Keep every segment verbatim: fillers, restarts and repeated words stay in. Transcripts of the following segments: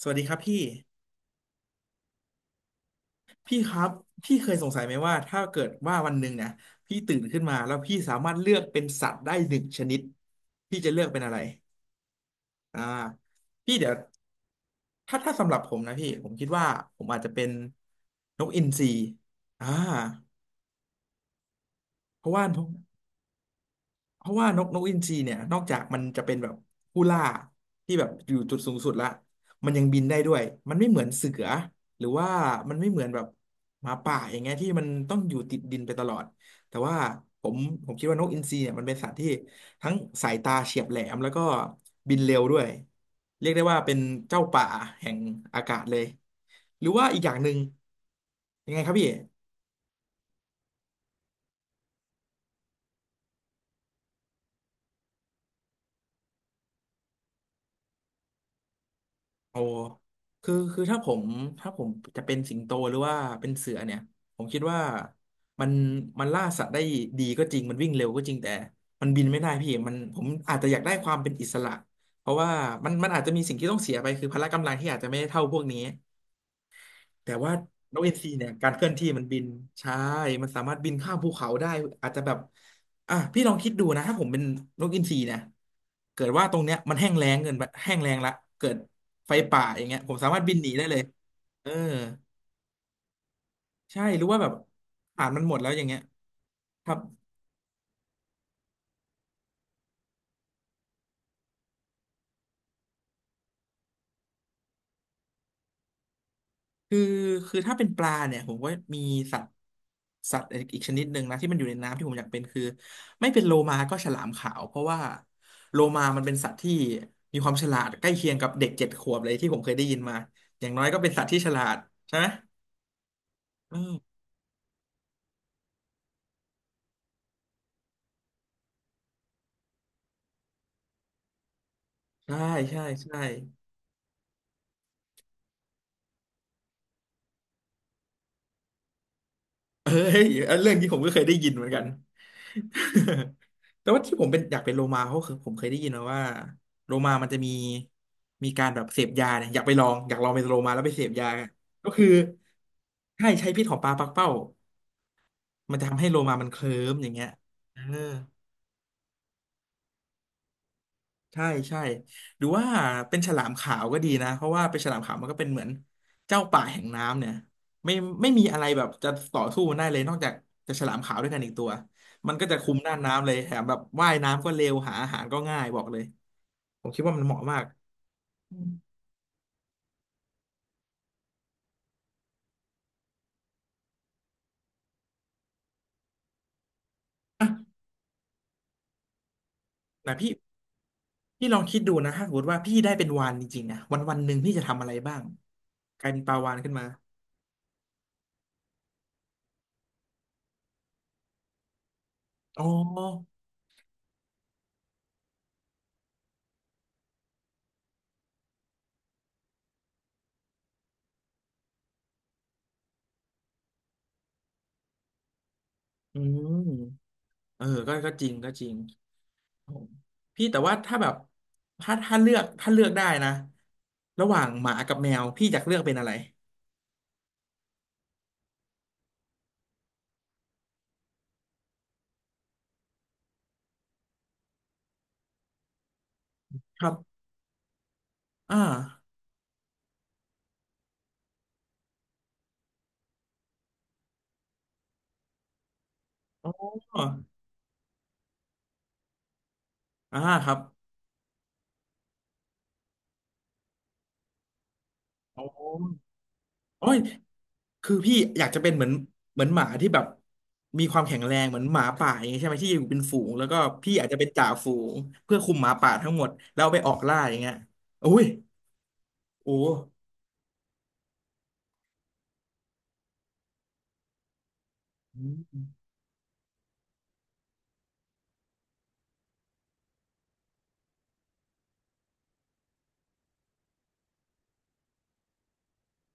สวัสดีครับพี่พี่ครับพี่เคยสงสัยไหมว่าถ้าเกิดว่าวันหนึ่งนะพี่ตื่นขึ้นมาแล้วพี่สามารถเลือกเป็นสัตว์ได้หนึ่งชนิดพี่จะเลือกเป็นอะไรอ่าพี่เดี๋ยวถ้าถ้าสำหรับผมนะพี่ผมคิดว่าผมอาจจะเป็นนกอินทรีอ่าเพราะว่าผม เพราะว่านกนกอินทรีเนี่ยนอกจากมันจะเป็นแบบผู้ล่าที่แบบอยู่จุดสูงสุดละมันยังบินได้ด้วยมันไม่เหมือนเสือหรือว่ามันไม่เหมือนแบบหมาป่าอย่างเงี้ยที่มันต้องอยู่ติดดินไปตลอดแต่ว่าผมผมคิดว่านกอินทรีเนี่ยมันเป็นสัตว์ที่ทั้งสายตาเฉียบแหลมแล้วก็บินเร็วด้วยเรียกได้ว่าเป็นเจ้าป่าแห่งอากาศเลยหรือว่าอีกอย่างหนึ่งยังไงครับพี่ โอ้คือคือถ้าผม ถ้าผมจะเป็นสิงโตหรือว่าเป็นเสือเนี่ยผมคิดว่า มันมันล่าสัตว์ได้ดีก็จริงมันวิ่งเร็วก็จริง แต่ มันบินไม่ได้พี่มันผมอาจจะอยากได้ความเป็นอิสระ เพราะว่ามันมันอาจจะมีสิ่งที่ต้องเสียไป คือพละกำลังที่อาจจะไม่ได้เท่าพวกนี้ แต่ว่านกเอ็นซีเนี่ยการเคลื่อนที่มันบินใช่มันสามารถบินข้ามภูเขาได้อาจจะแบบอ่ะพี่ลองคิดดูนะถ้าผมเป็นนกอินทรีนะเกิดว่าตรงเนี้ยมันแห้งแล้งเกินไปแห้งแล้งละเกิดไฟป่าอย่างเงี้ยผมสามารถบินหนีได้เลยเออใช่หรือว่าแบบอ่านมันหมดแล้วอย่างเงี้ยครับ คือคือถ้าเป็นปลาเนี่ยผมก็มีสัตว์สัตว์อีกชนิดหนึ่งนะที่มันอยู่ในน้ำที่ผมอยากเป็นคือไม่เป็นโลมาก็ฉลามขาวเพราะว่าโลมามันเป็นสัตว์ที่มีความฉลาดใกล้เคียงกับเด็กเจ็ดขวบเลยที่ผมเคยได้ยินมาอย่างน้อยก็เป็นสัตว์ที่ฉลาดใช่ไหมเออใช่ใช่ใช่ เฮ้ยอันเรื่องนี้ผมก็เคยได้ยินเหมือนกัน แต่ว่าที่ผมเป็นอยากเป็นโลมาเพราะคือผมเคยได้ยินมาว่าโลมามันจะมีมีการแบบเสพยาเนี่ยอยากไปลองอยากลองเป็นโลมาแล้วไปเสพยาก็คือใช้ใช้พิษของปลาปักเป้ามันจะทำให้โลมามันเคลิ้มอย่างเงี้ยเออ ใช่ใช่หรือว่าเป็นฉลามขาวก็ดีนะเพราะว่าเป็นฉลามขาวมันก็เป็นเหมือนเจ้าป่าแห่งน้ำเนี่ยไม่ไม่มีอะไรแบบจะต่อสู้มันได้เลยนอกจากจะฉลามขาวด้วยกันอีกตัวมันก็จะคุมหน้าน้ำเลยแถมแบบว่ายน้ำก็เร็วหาอาหารก็ง่ายบอกเลยผมคิดว่ามันเหมาะมากอืมอ่ะแต่พี่พี่ลองคิดดูนะถ้าสมมติว่าพี่ได้เป็นวาฬจริงๆนะวันวันหนึ่งพี่จะทำอะไรบ้างกลายเป็นปลาวาฬขึ้นมาอ๋ออืมเออก็ก็จริงก็จริง พี่แต่ว่าถ้าแบบถ้าถ้าเลือกถ้าเลือกได้นะระหว่างหมากับแมวพี่อยากเลือกเป็นอะไรครับอ่าอ๋ออ่าครับอ๋อโอ้ยคือพี่อยากจะเป็นเหมือนเหมือนหมาที่แบบมีความแข็งแรงเหมือนหมาป่าอย่างเงี้ยใช่ไหมที่อยู่เป็นฝูงแล้วก็พี่อาจจะเป็นจ่าฝูงเพื่อคุมหมาป่าทั้งหมดแล้วเอาไปออกล่าอย่างเงี้ยโอ้ยโอ้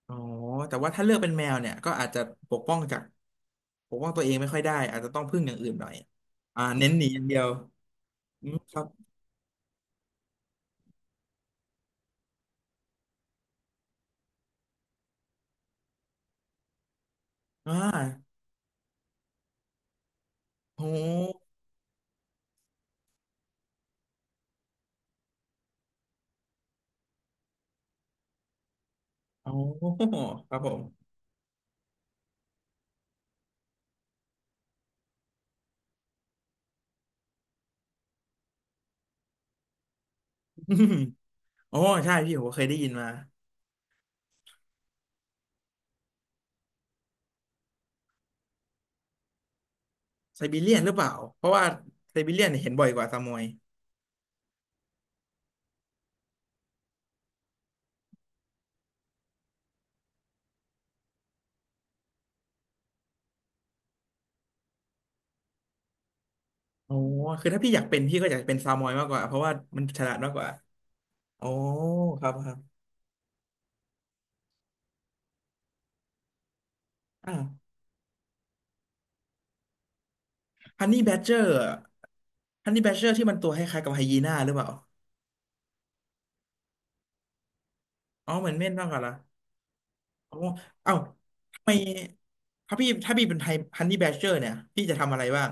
อ๋อแต่ว่าถ้าเลือกเป็นแมวเนี่ยก็อาจจะปกป้องจากปกป้องตัวเองไม่ค่อยได้อาจจะต้องพึ่งอย่างอื่นหน่อยอ่าเน้นหนีอย่างเดียวอืมครับอ่าโอ้โอ้ครับผม โออใช่พี่ผมเคยได้ยินมาไซบีเรียนหรือเปล่าเพราะว่าไซบีเรียนเนี่ยเห็นบ่อยกว่าซามอยอ๋อคือถ้าพี่อยากเป็นพี่ก็อยากเป็นซามอยมากกว่าเพราะว่ามันฉลาดมากกว่าอ๋อครับครับอ่าฮันนี่แบดเจอร์ฮันนี่แบดเจอร์ที่มันตัวคล้ายๆกับไฮยีน่าหรือเปล่าอ๋อเหมือนเม่นมากกว่าละ อ๋อเอ้าทำไมถ้าพี่ถ้าพี่เป็นไทฮันนี่แบชเชอร์เนี่ยพี่จะทำอะไรบ้าง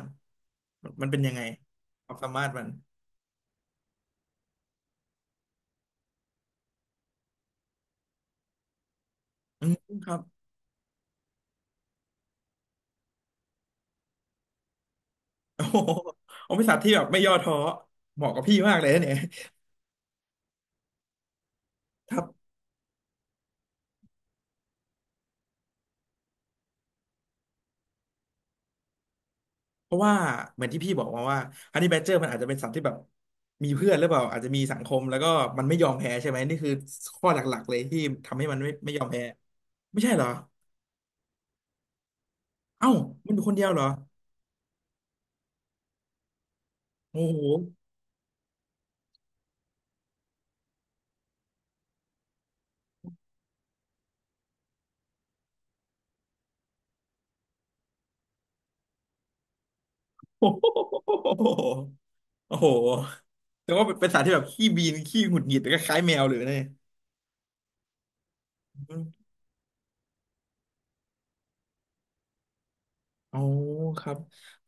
มันมันเป็นยังไงความสามารถมันอืมครับโอ้โหเอาเป็นสัตว์ที่แบบไม่ย่อท้อเหมาะกับพี่มากเลยนะเนี่ยครับเพราะว่าเหมือนที่พี่บอกมาว่าฮันนี่แบชเชอร์มันอาจจะเป็นสัตว์ที่แบบมีเพื่อนหรือเปล่าอาจจะมีสังคมแล้วก็มันไม่ยอมแพ้ใช่ไหมนี่คือข้อหลักๆเลยที่ทำให้มันไม่ไม่ยอมแพ้ไม่ใช่เหรอเอ้ามันอยู่คนเดียวเหรอโอ้โห โอ้โหแต่ว่าเป็นสัตว์ที่แบบขี้บีนขี้หงุดหงิดก็คล้ายแมวเลยเนี่ยอืมอ๋อครับ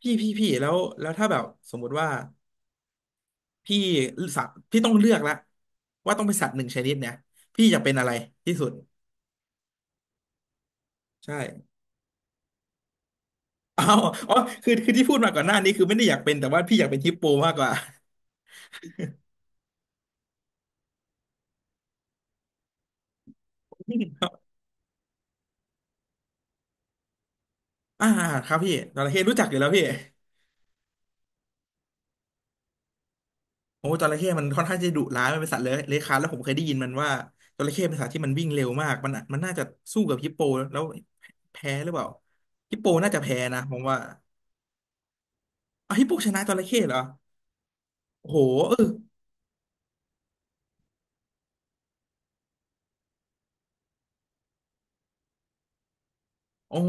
พี่พี่พี่แล้วแล้วถ้าแบบสมมุติว่าพี่สัตว์พี่ต้องเลือกละว่าต้องเป็นสัตว์หนึ่งชนิดเนี่ยพี่อยากเป็นอะไรที่สุดใช่อ้าวอ๋อคือคือที่พูดมาก่อนหน้านี้คือไม่ได้อยากเป็นแต่ว่าพี่อยากเป็นฮิปโปมากกว่า อ่าครับพี่จระเข้รู้จักอยู่แล้วพี่ โอ้จระเข้มันค่อนข้างจะดุร้ายมันเป็นสัตว์เลื้อยเลื้อยคลานแล้วผมเคยได้ยินมันว่าจระเข้เป็นสัตว์ที่มันวิ่งเร็วมากมันมันน่าจะสู้กับฮิปโปแล้วแพ้หรือเปล่าฮิปโปน่าจะแพ้นะผมว่าอ่ะฮิปโปชนะจระเข้เหรอโอ้โหเอออ๋อ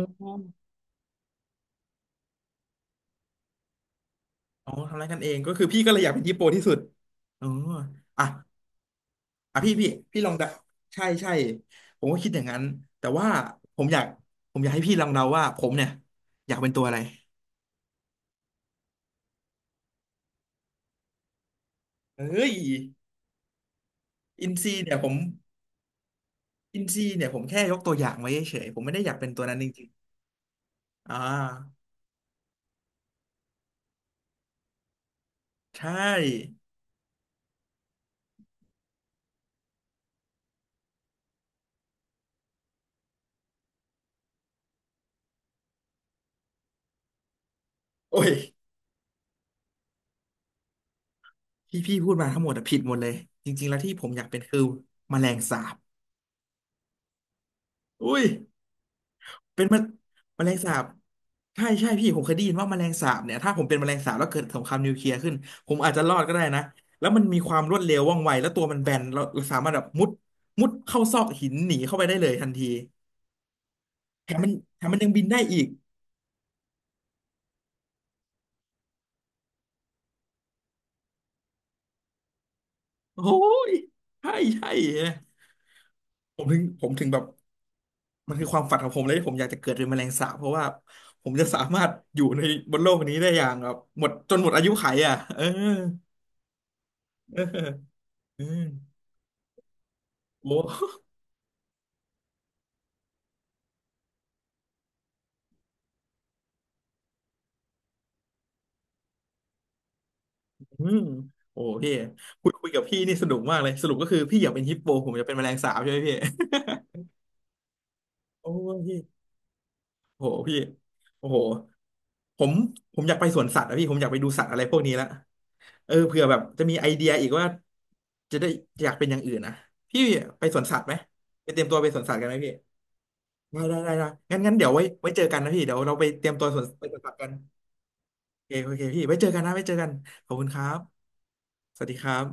อ๋อทำร้ายกันเองก็คือพี่ก็เลยอยากเป็นฮิปโปที่สุดอ๋ออ่ะอ่ะพี่พี่พี่ลองเดาใช่ใช่ผมก็คิดอย่างนั้นแต่ว่าผมอยากผมอยากให้พี่ลองเดาว่าผมเนี่ยอยากเป็นตัวอะไรเฮ้ยอินซีเนี่ยผม อินซีเนี่ยผมแค่ยกตัวอย่างไว้เฉยๆผมไม่ได้อยากเป็นตัวนั้นจริงๆอ่าใช่โอ้ยที่พี่พูดมาทั้งหมดอะผิดหมดเลยจริงๆแล้วที่ผมอยากเป็นคือแมลงสาบอุ้ยเป็นมะแมลงสาบใช่ใช่พี่ผมเคยได้ยินว่าแมลงสาบเนี่ยถ้าผมเป็นแมลงสาบแล้วเกิดสงครามนิวเคลียร์ขึ้นผมอาจจะรอดก็ได้นะแล้วมันมีความรวดเร็วว่องไวแล้วตัวมันแบนเราเราสามารถแบบมุดมุดเข้าซอกหินหนีเข้าไปได้เลยทันทีแถมมันแถมมันยังบินได้อีกโอ้ยใช่ใช่นะผมถึงผมถึงแบบ มันคือความฝันของผมเลยที่ผมอยากจะเกิดเป็นแมลงสาบเพราะว่าผมจะสามารถอยู่ในบนโลกนี้ได้อย่างแบบหมดจนหมดอายุไขอ่ะเออเออเออโอ้อืมโอ้พี่คุยคุยกับพี่นี่สนุกมากเลยสรุปก็คือพี่อยากเป็นฮิปโปผมอยากเป็นแมลงสาบใช่ไหมพี่โอ้ยพี่โอ้โหพี่โอ้โหผมผมอยากไปสวนสัตว์อะพี่ผมอยากไปดูสัตว์อะไรพวกนี้ละเออเผื่อแบบจะมีไอเดียอีกว่าจะได้อยากเป็นอย่างอื่นนะพี่ไปสวนสัตว์ไหมไปเตรียมตัวไปสวนสัตว์กันไหมพี่ ได้ได้ได้ได้งั้นงั้นเดี๋ยวไว้ไว้เจอกันนะพี่เดี๋ยวเราไปเตรียมตัวสวนไปสวนสัตว์กันโอเคโอเคพี่ไว้เจอกันนะไว้เจอกันขอบคุณครับสวัสดีครับ